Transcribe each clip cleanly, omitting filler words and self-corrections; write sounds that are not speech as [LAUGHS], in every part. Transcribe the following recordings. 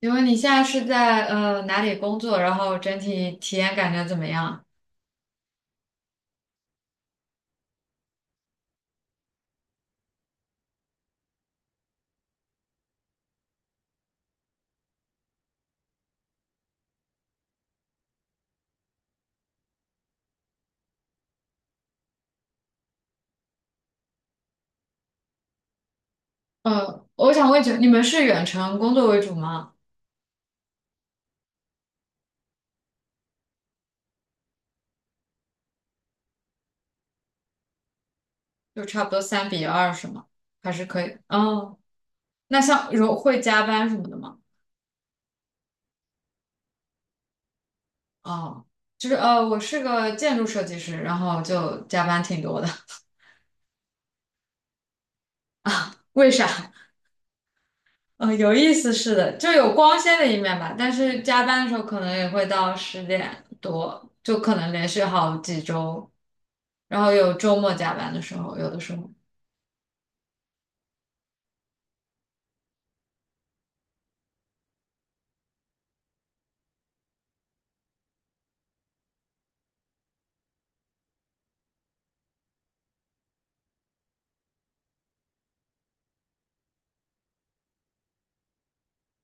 请问你现在是在哪里工作？然后整体体验感觉怎么样？我想问一句，你们是远程工作为主吗？就差不多三比二是吗？还是可以？哦，那像如会加班什么的吗？哦，就是我是个建筑设计师，然后就加班挺多的。[LAUGHS] 为啥？嗯，有意思是的，就有光鲜的一面吧，但是加班的时候可能也会到10点多，就可能连续好几周，然后有周末加班的时候，有的时候。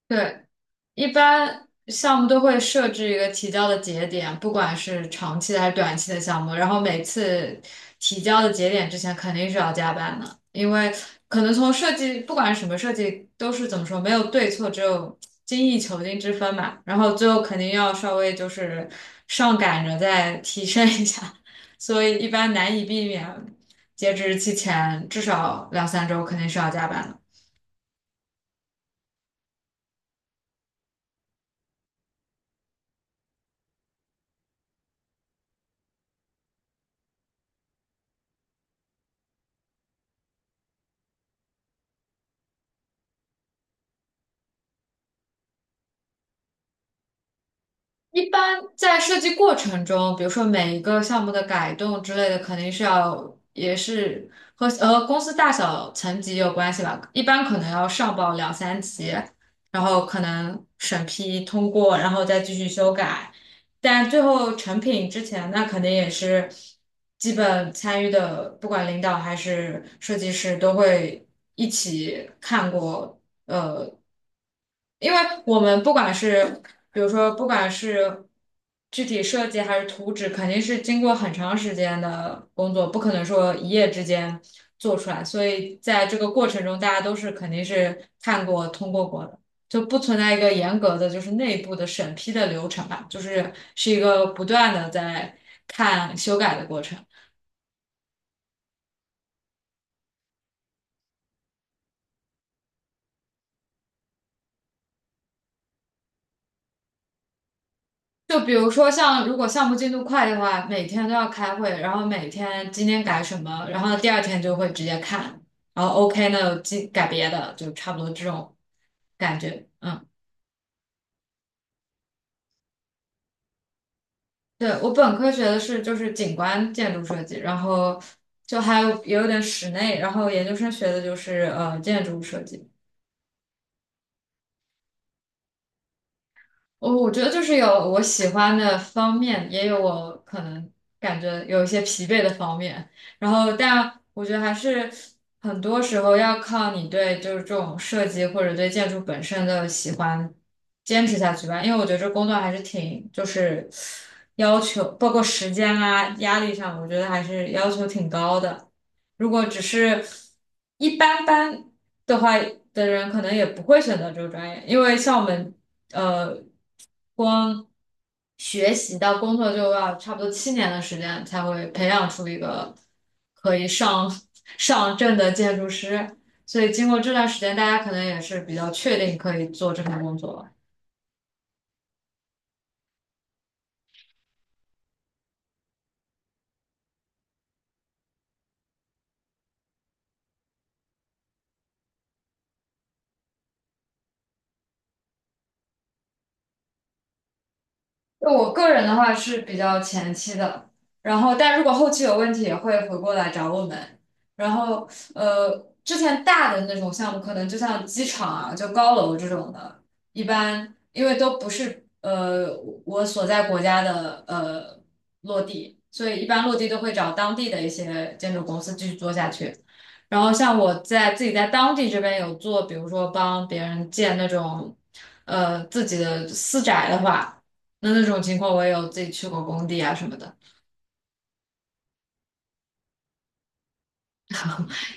对，一般项目都会设置一个提交的节点，不管是长期的还是短期的项目，然后每次提交的节点之前肯定是要加班的，因为可能从设计，不管是什么设计，都是怎么说，没有对错，只有精益求精之分嘛。然后最后肯定要稍微就是上赶着再提升一下，[LAUGHS] 所以一般难以避免截止日期前至少两三周肯定是要加班的。一般在设计过程中，比如说每一个项目的改动之类的，肯定是要也是和公司大小层级有关系吧。一般可能要上报两三级，然后可能审批通过，然后再继续修改。但最后成品之前，那肯定也是基本参与的，不管领导还是设计师都会一起看过。呃因为我们不管是，比如说，不管是具体设计还是图纸，肯定是经过很长时间的工作，不可能说一夜之间做出来。所以在这个过程中，大家都是肯定是看过、通过过的，就不存在一个严格的就是内部的审批的流程吧，就是是一个不断的在看修改的过程。就比如说像如果项目进度快的话，每天都要开会，然后每天今天改什么，然后第二天就会直接看，然后 OK 呢，进改别的，就差不多这种感觉。嗯，对，我本科学的是就是景观建筑设计，然后就还有也有点室内，然后研究生学的就是建筑设计。我觉得就是有我喜欢的方面，也有我可能感觉有一些疲惫的方面。然后，但我觉得还是很多时候要靠你对就是这种设计或者对建筑本身的喜欢坚持下去吧。因为我觉得这工作还是挺就是要求，包括时间啊、压力上，我觉得还是要求挺高的。如果只是一般般的话的人，可能也不会选择这个专业，因为像我们。呃。光学习到工作就要差不多7年的时间才会培养出一个可以上 [LAUGHS] 上证的建筑师，所以经过这段时间，大家可能也是比较确定可以做这份工作了。就我个人的话是比较前期的，然后但如果后期有问题也会回过来找我们。然后呃，之前大的那种项目，可能就像机场啊，就高楼这种的，一般因为都不是我所在国家的落地，所以一般落地都会找当地的一些建筑公司继续做下去。然后像我在自己在当地这边有做，比如说帮别人建那种自己的私宅的话。那那种情况，我也有自己去过工地啊什么的，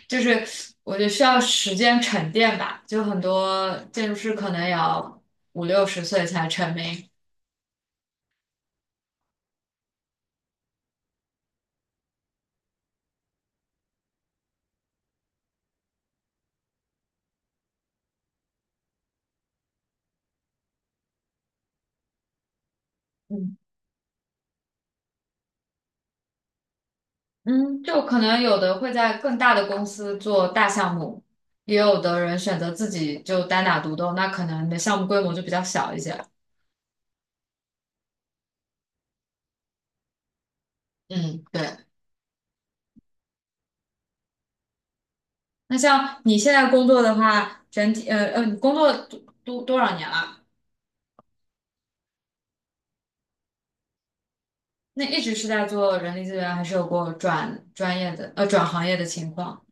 就是我觉得需要时间沉淀吧。就很多建筑师可能也要五六十岁才成名，嗯嗯，就可能有的会在更大的公司做大项目，也有的人选择自己就单打独斗，那可能你的项目规模就比较小一些。嗯，对。那像你现在工作的话，整体你工作多少年了？那一直是在做人力资源，还是有过转专业的转行业的情况？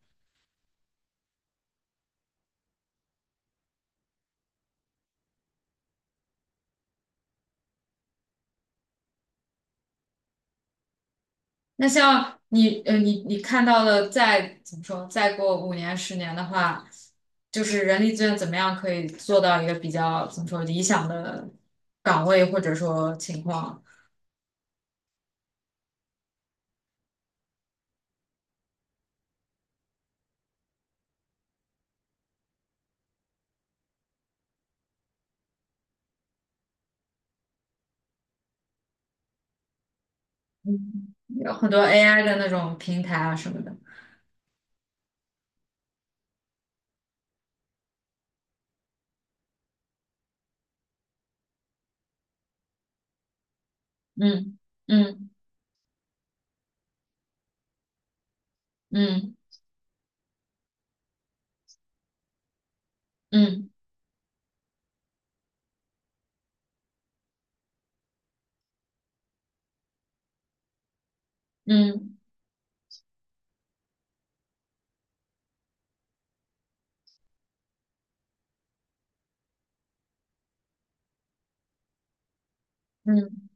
那像你看到的再怎么说，再过5年10年的话，就是人力资源怎么样可以做到一个比较怎么说理想的岗位或者说情况？嗯，有很多 AI 的那种平台啊什么的。嗯嗯嗯嗯嗯嗯嗯嗯。嗯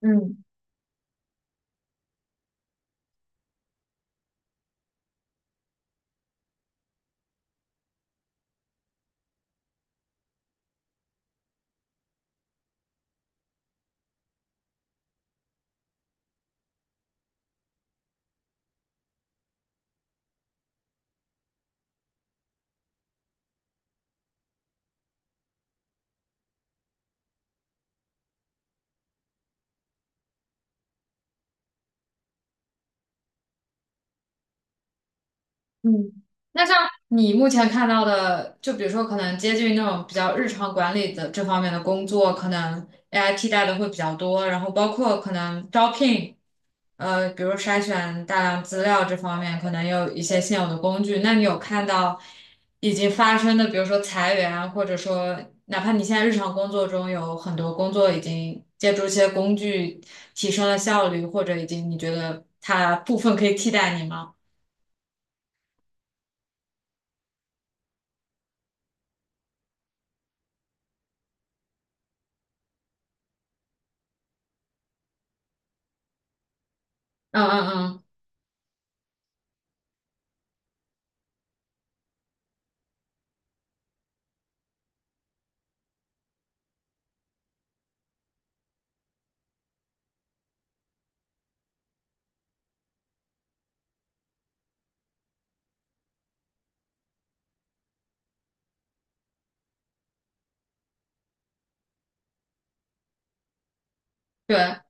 嗯嗯，那像你目前看到的，就比如说可能接近那种比较日常管理的这方面的工作，可能 AI 替代的会比较多，然后包括可能招聘，比如筛选大量资料这方面，可能有一些现有的工具。那你有看到已经发生的，比如说裁员啊，或者说哪怕你现在日常工作中有很多工作已经借助一些工具提升了效率，或者已经你觉得它部分可以替代你吗？嗯嗯嗯，对，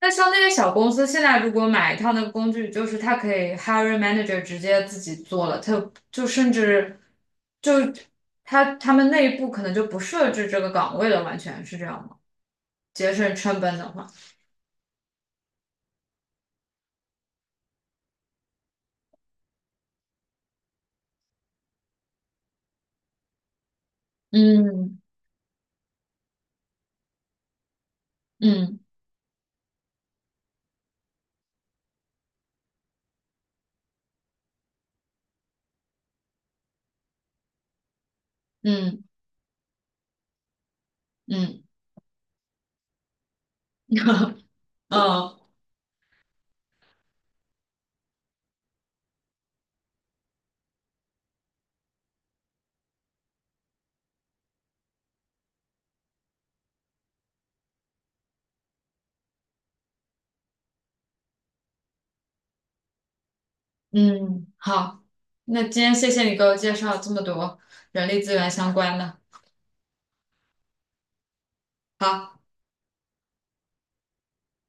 那像那些小公司，现在如果买一套那个工具，就是他可以 hiring manager 直接自己做了，它就甚至就他们内部可能就不设置这个岗位了，完全是这样吗？节省成本的话，嗯嗯嗯嗯 [LAUGHS] 嗯嗯，好，那今天谢谢你给我介绍这么多人力资源相关的，好。